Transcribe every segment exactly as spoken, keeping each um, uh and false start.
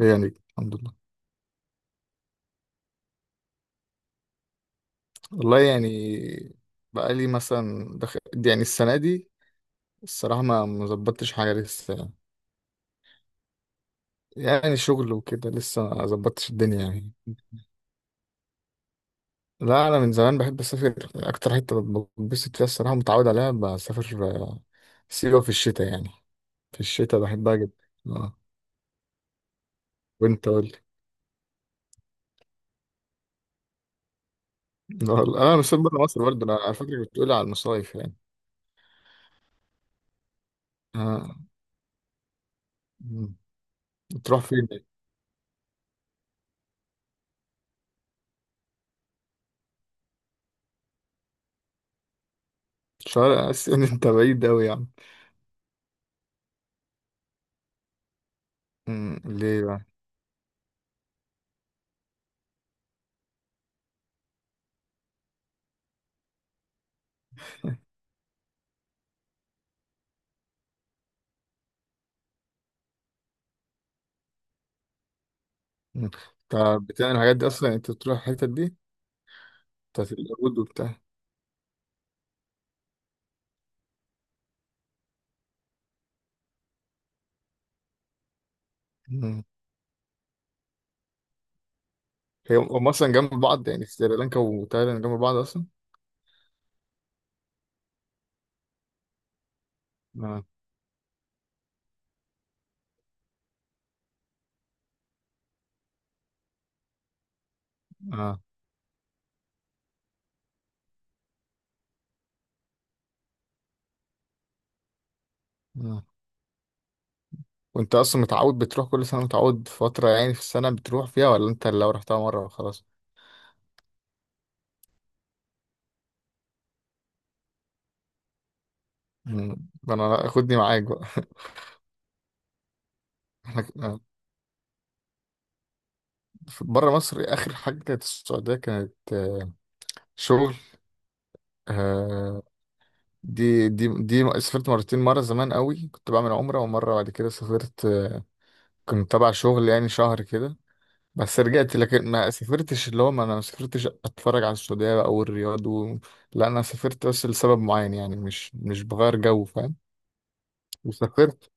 إيه يعني الحمد لله. والله يعني بقالي مثلا دخل يعني السنة دي الصراحة ما ما ظبطتش حاجة لسه يعني. يعني شغل وكده لسه ما ظبطتش الدنيا يعني. لا أنا من زمان بحب أسافر أكتر حتة بتبسط فيها الصراحة متعود عليها بسافر آه، سيوة في الشتاء يعني. في الشتاء بحبها جدا. اه. وأنت قول لي. والله أنا مسافر برا مصر برضه، أنا على فكرة كنت بتقولي على المصايف يعني. آه. مم. بتروح فين؟ شرق آسيا أنت بعيد أوي يعني. مم. ليه بقى؟ مم. طب بتعمل الحاجات دي اصلا يعني انت تروح الحتت دي بتاعت اليهود وبتاع. مم. هي هم اصلا جنب بعض يعني سريلانكا وتايلاند جنب بعض اصلا. آه. آه. آه. وانت اصلا متعود بتروح كل سنه، متعود فتره يعني في السنه بتروح فيها، ولا انت لو رحتها مره وخلاص؟ مم. ده انا خدني معاك بقى احنا ك- آه. في- بره مصر اخر حاجه كانت السعوديه، كانت آه، شغل. آه. دي دي دي سافرت مرتين، مره زمان قوي كنت بعمل عمره، ومره بعد كده سافرت آه، كنت تبع شغل يعني شهر كده بس رجعت، لكن ما سافرتش اللي هو، ما انا ما سافرتش اتفرج على السعودية بقى او الرياض و... لا انا سافرت بس لسبب معين يعني، مش مش بغير جو، فاهم. وسافرت.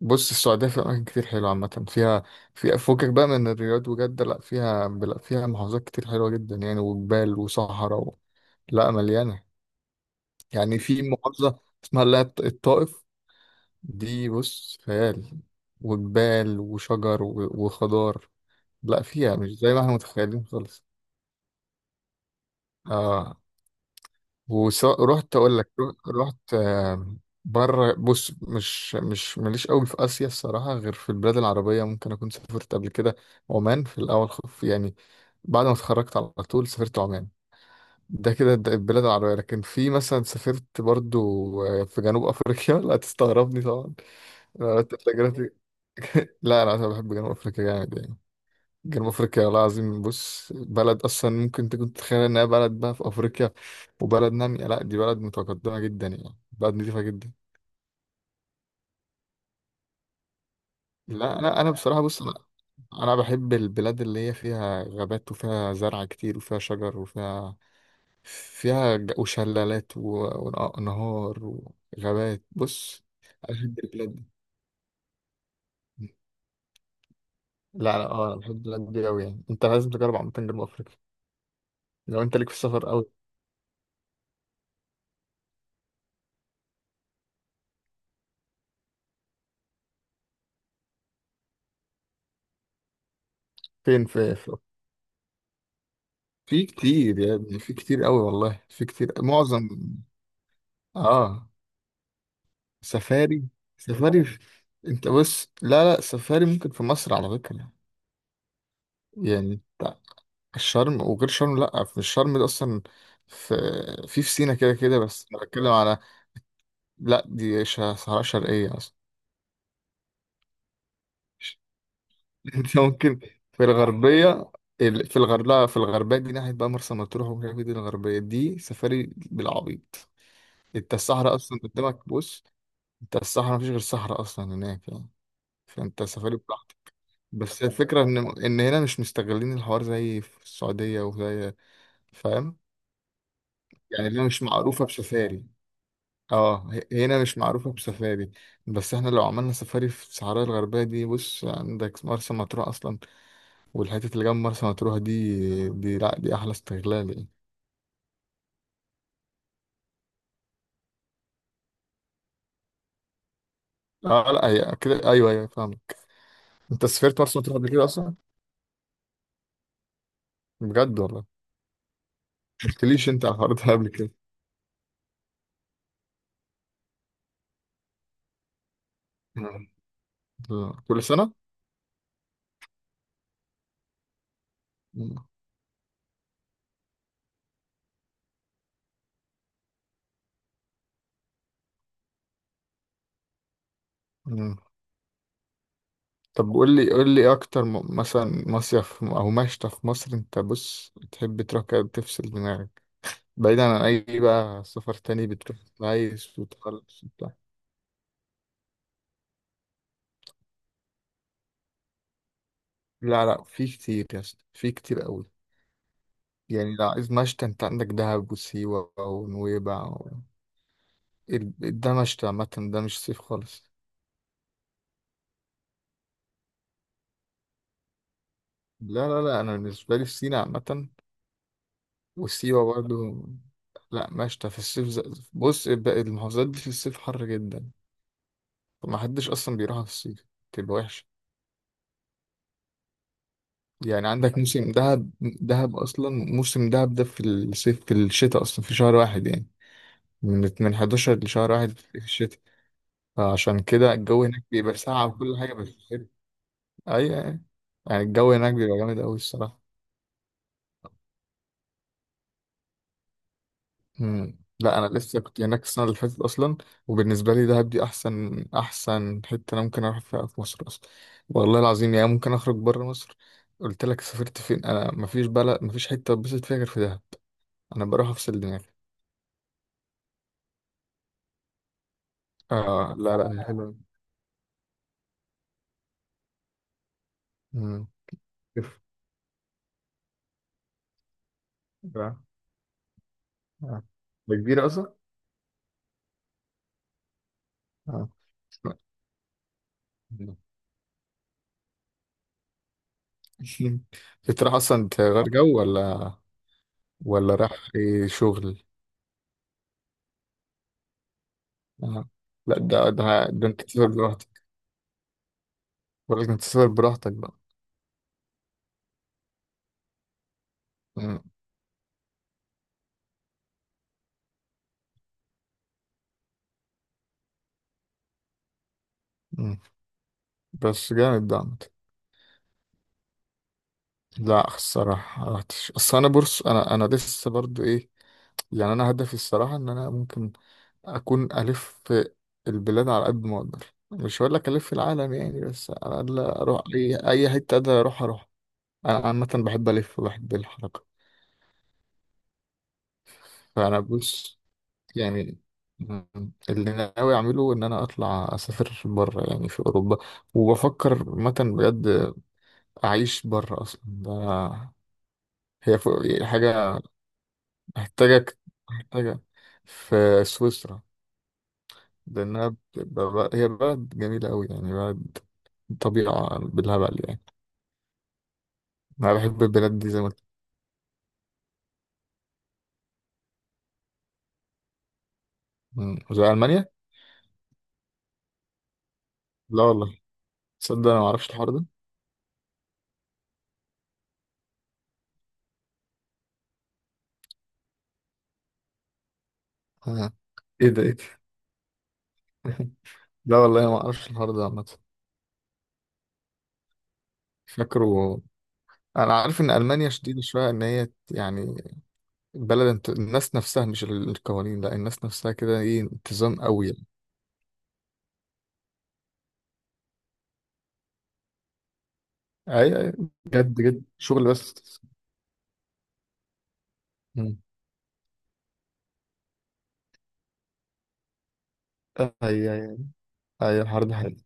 بص السعودية فيها اماكن كتير حلوة، عامة فيها فيها فوقك بقى من الرياض وجدة، لا فيها، لا فيها محافظات كتير حلوة جدا يعني، وجبال وصحراء و... لا مليانة. يعني في محافظة اسمها اللي هي الط- الطائف دي بص خيال، وجبال وشجر و... وخضار. لا فيها مش زي ما احنا متخيلين خالص. اه. ورحت اقول لك، رحت بره. بص مش مش ماليش قوي في اسيا الصراحه، غير في البلاد العربيه ممكن اكون سافرت قبل كده. عمان في الاول خف يعني، بعد ما اتخرجت على طول سافرت عمان. ده كده ده البلاد العربيه، لكن في مثلا سافرت برضو آه، في جنوب افريقيا لا تستغربني طبعا. أنا قلت لك جنوب- لا انا بحب جنوب افريقيا جامد يعني. جنوب افريقيا والله العظيم بص بلد، اصلا ممكن تكون تتخيل انها بلد بقى في افريقيا وبلد نامية، لا دي بلد متقدمة جدا يعني، بلد نظيفة جدا. لا لا انا بصراحة بص انا، أنا بحب البلاد اللي هي فيها غابات وفيها زرع كتير وفيها شجر وفيها، فيها ج- وشلالات و- ونهار وغابات، بص أنا بحب البلاد دي. لا لا اه انا بحب البلاد دي قوي يعني، انت لازم تجرب عامة جنوب افريقيا لو انت ليك في السفر قوي. فين في, في في كتير يعني في كتير قوي والله، في كتير معظم. اه. سفاري. سفاري في- انت بص لا لا سفاري ممكن في مصر على فكرة، يعني بتاع الشرم وغير شرم، لا في الشرم ده اصلا في في في سينا كده كده، بس انا بتكلم على. لا دي ش- صحراء شرقية اصلا. انت ممكن في الغربية، ال- في الغربية، في الغربية دي ناحية بقى مرسى مطروح وكده، دي الغربية دي سفاري بالعبيط. انت الصحراء اصلا قدامك بص. انت الصحراء مفيش غير صحراء اصلا هناك يعني، فانت سفاري براحتك. بس الفكره ان ان هنا مش مستغلين الحوار زي في السعوديه وزي، فاهم. يعني هنا مش معروفه بسفاري. اه ه- هنا مش معروفه بسفاري، بس احنا لو عملنا سفاري في الصحراء الغربيه دي بص عندك مرسى مطروح اصلا، والحته اللي جنب مرسى مطروح دي دي لا دي احلى استغلال يعني. اه لا هي كده ايوه ايوه فاهمك. انت سافرت مرسى مطروح قبل كده اصلا؟ بجد والله؟ ما قلتليش انت على الحوار ده قبل كده. آه. كل سنه. مم. طب قول لي قول لي إيه اكتر م- مثلا مصيف او مشتى في مصر انت بص تحب تروح كده تفصل دماغك بعيدا عن اي بقى سفر تاني، بتروح عايز وتخلص وبتاع. لا لا في كتير يا اسطى، في كتير قوي. يعني لو عايز مشتى انت عندك دهب وسيوة ونويبع و... ال- ده مشتى عامة، ده مش صيف خالص. لا لا لا انا بالنسبة لي في سينا عامة، وسيوة برضو. لا مشتى في الصيف ز... بص الب- المحافظات دي في الصيف حر جدا، طب ما حدش اصلا بيروحها في الصيف، تبقى وحشه يعني. عندك موسم دهب، دهب اصلا موسم دهب ده في الصيف، في الشتاء اصلا في شهر واحد يعني، من من أحد عشر لشهر واحد في الشتاء، فعشان كده الجو هناك بيبقى ساقع وكل حاجه بس حلو. ايوه يعني، الجو هناك بيبقى جامد قوي الصراحه. مم. لا انا لسه كنت هناك السنه اللي فاتت اصلا، وبالنسبه لي دهب دي احسن احسن حته انا ممكن اروح فيها في مصر اصلا، والله العظيم يعني. ممكن اخرج بره مصر، قلت لك سافرت فين، انا مفيش بلد، مفيش حته اتبسط فيها غير في دهب، انا بروح افصل دماغي. آه لا لا هي حلوه. مم. كيف؟ آه. آه. ده كبيره اصلا. آه. مم. بتروح اصلا تغير جو، ولا ولا راح إيه شغل؟ آه. لا ده ده ده انت تسافر براحتك، ولا انت تسافر براحتك بقى. مم. بس جامد ده عامة. لا الصراحة ما رحتش، اصل انا بورس انا انا لسه برضو ايه، يعني انا هدفي الصراحة ان انا ممكن اكون الف في البلاد على قد ما اقدر، مش هقول لك الف العالم يعني، بس على الاقل اروح اي اي حتة اقدر اروح اروح. انا عامة بحب الف وبحب الحركة. فانا بص يعني، مم، اللي أنا ناوي اعمله ان انا اطلع اسافر بره يعني في اوروبا، وبفكر مثلا بجد اعيش بره اصلا ده، هي فوق- يعني حاجة محتاجك محتاجة في سويسرا، لأنها بتبقى- هي بلد جميلة أوي يعني، بلد طبيعة بالهبل يعني. أنا بحب البلاد دي زي ما قلت. مم. زي ألمانيا؟ لا والله. تصدق أنا معرفش الحوار ده. آه. إيه ده إيه ده. لا والله أنا معرفش الحوار ده عامة. فاكره. أنا عارف إن ألمانيا شديدة شوية إن هي يعني بلد انت... الناس نفسها، مش ال- القوانين، لا الناس نفسها كده إيه، انتظام أوي يعني. أي أي. بجد بجد شغل بس. مم. أي أي. أي الحوار ده حقيقي.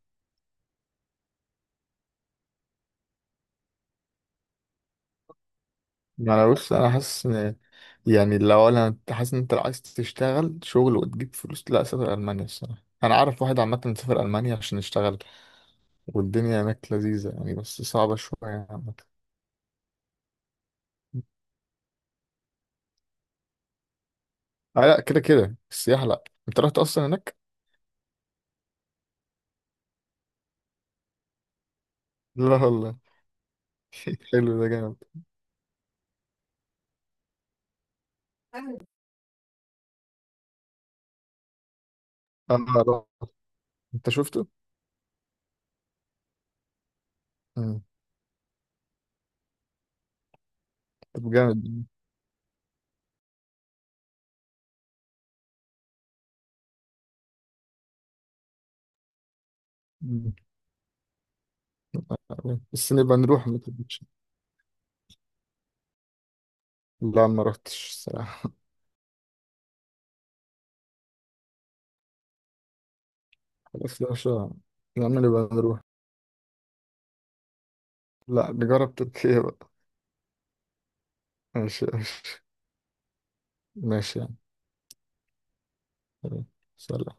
ما انا بص انا حاسس ان، يعني لو انا، انت حاسس ان انت لو عايز تشتغل شغل وتجيب فلوس لا سافر المانيا الصراحه، انا عارف واحد عامه سافر المانيا عشان يشتغل والدنيا هناك لذيذه يعني، بس صعبه شويه يعني عامه. آه لا كده كده السياحه، لا انت رحت اصلا هناك؟ لا والله. حلو ده جامد. اه. رحت. انت شفته. مم. طب جامد. مم. بس نبقى نروح ما تبقاش. لا ما رحتش الصراحه. خلاص يا باشا. يا عم نبقى نروح. لا نجرب تركيا بقى. ماشي ماشي. ماشي يعني. تمام. سلام.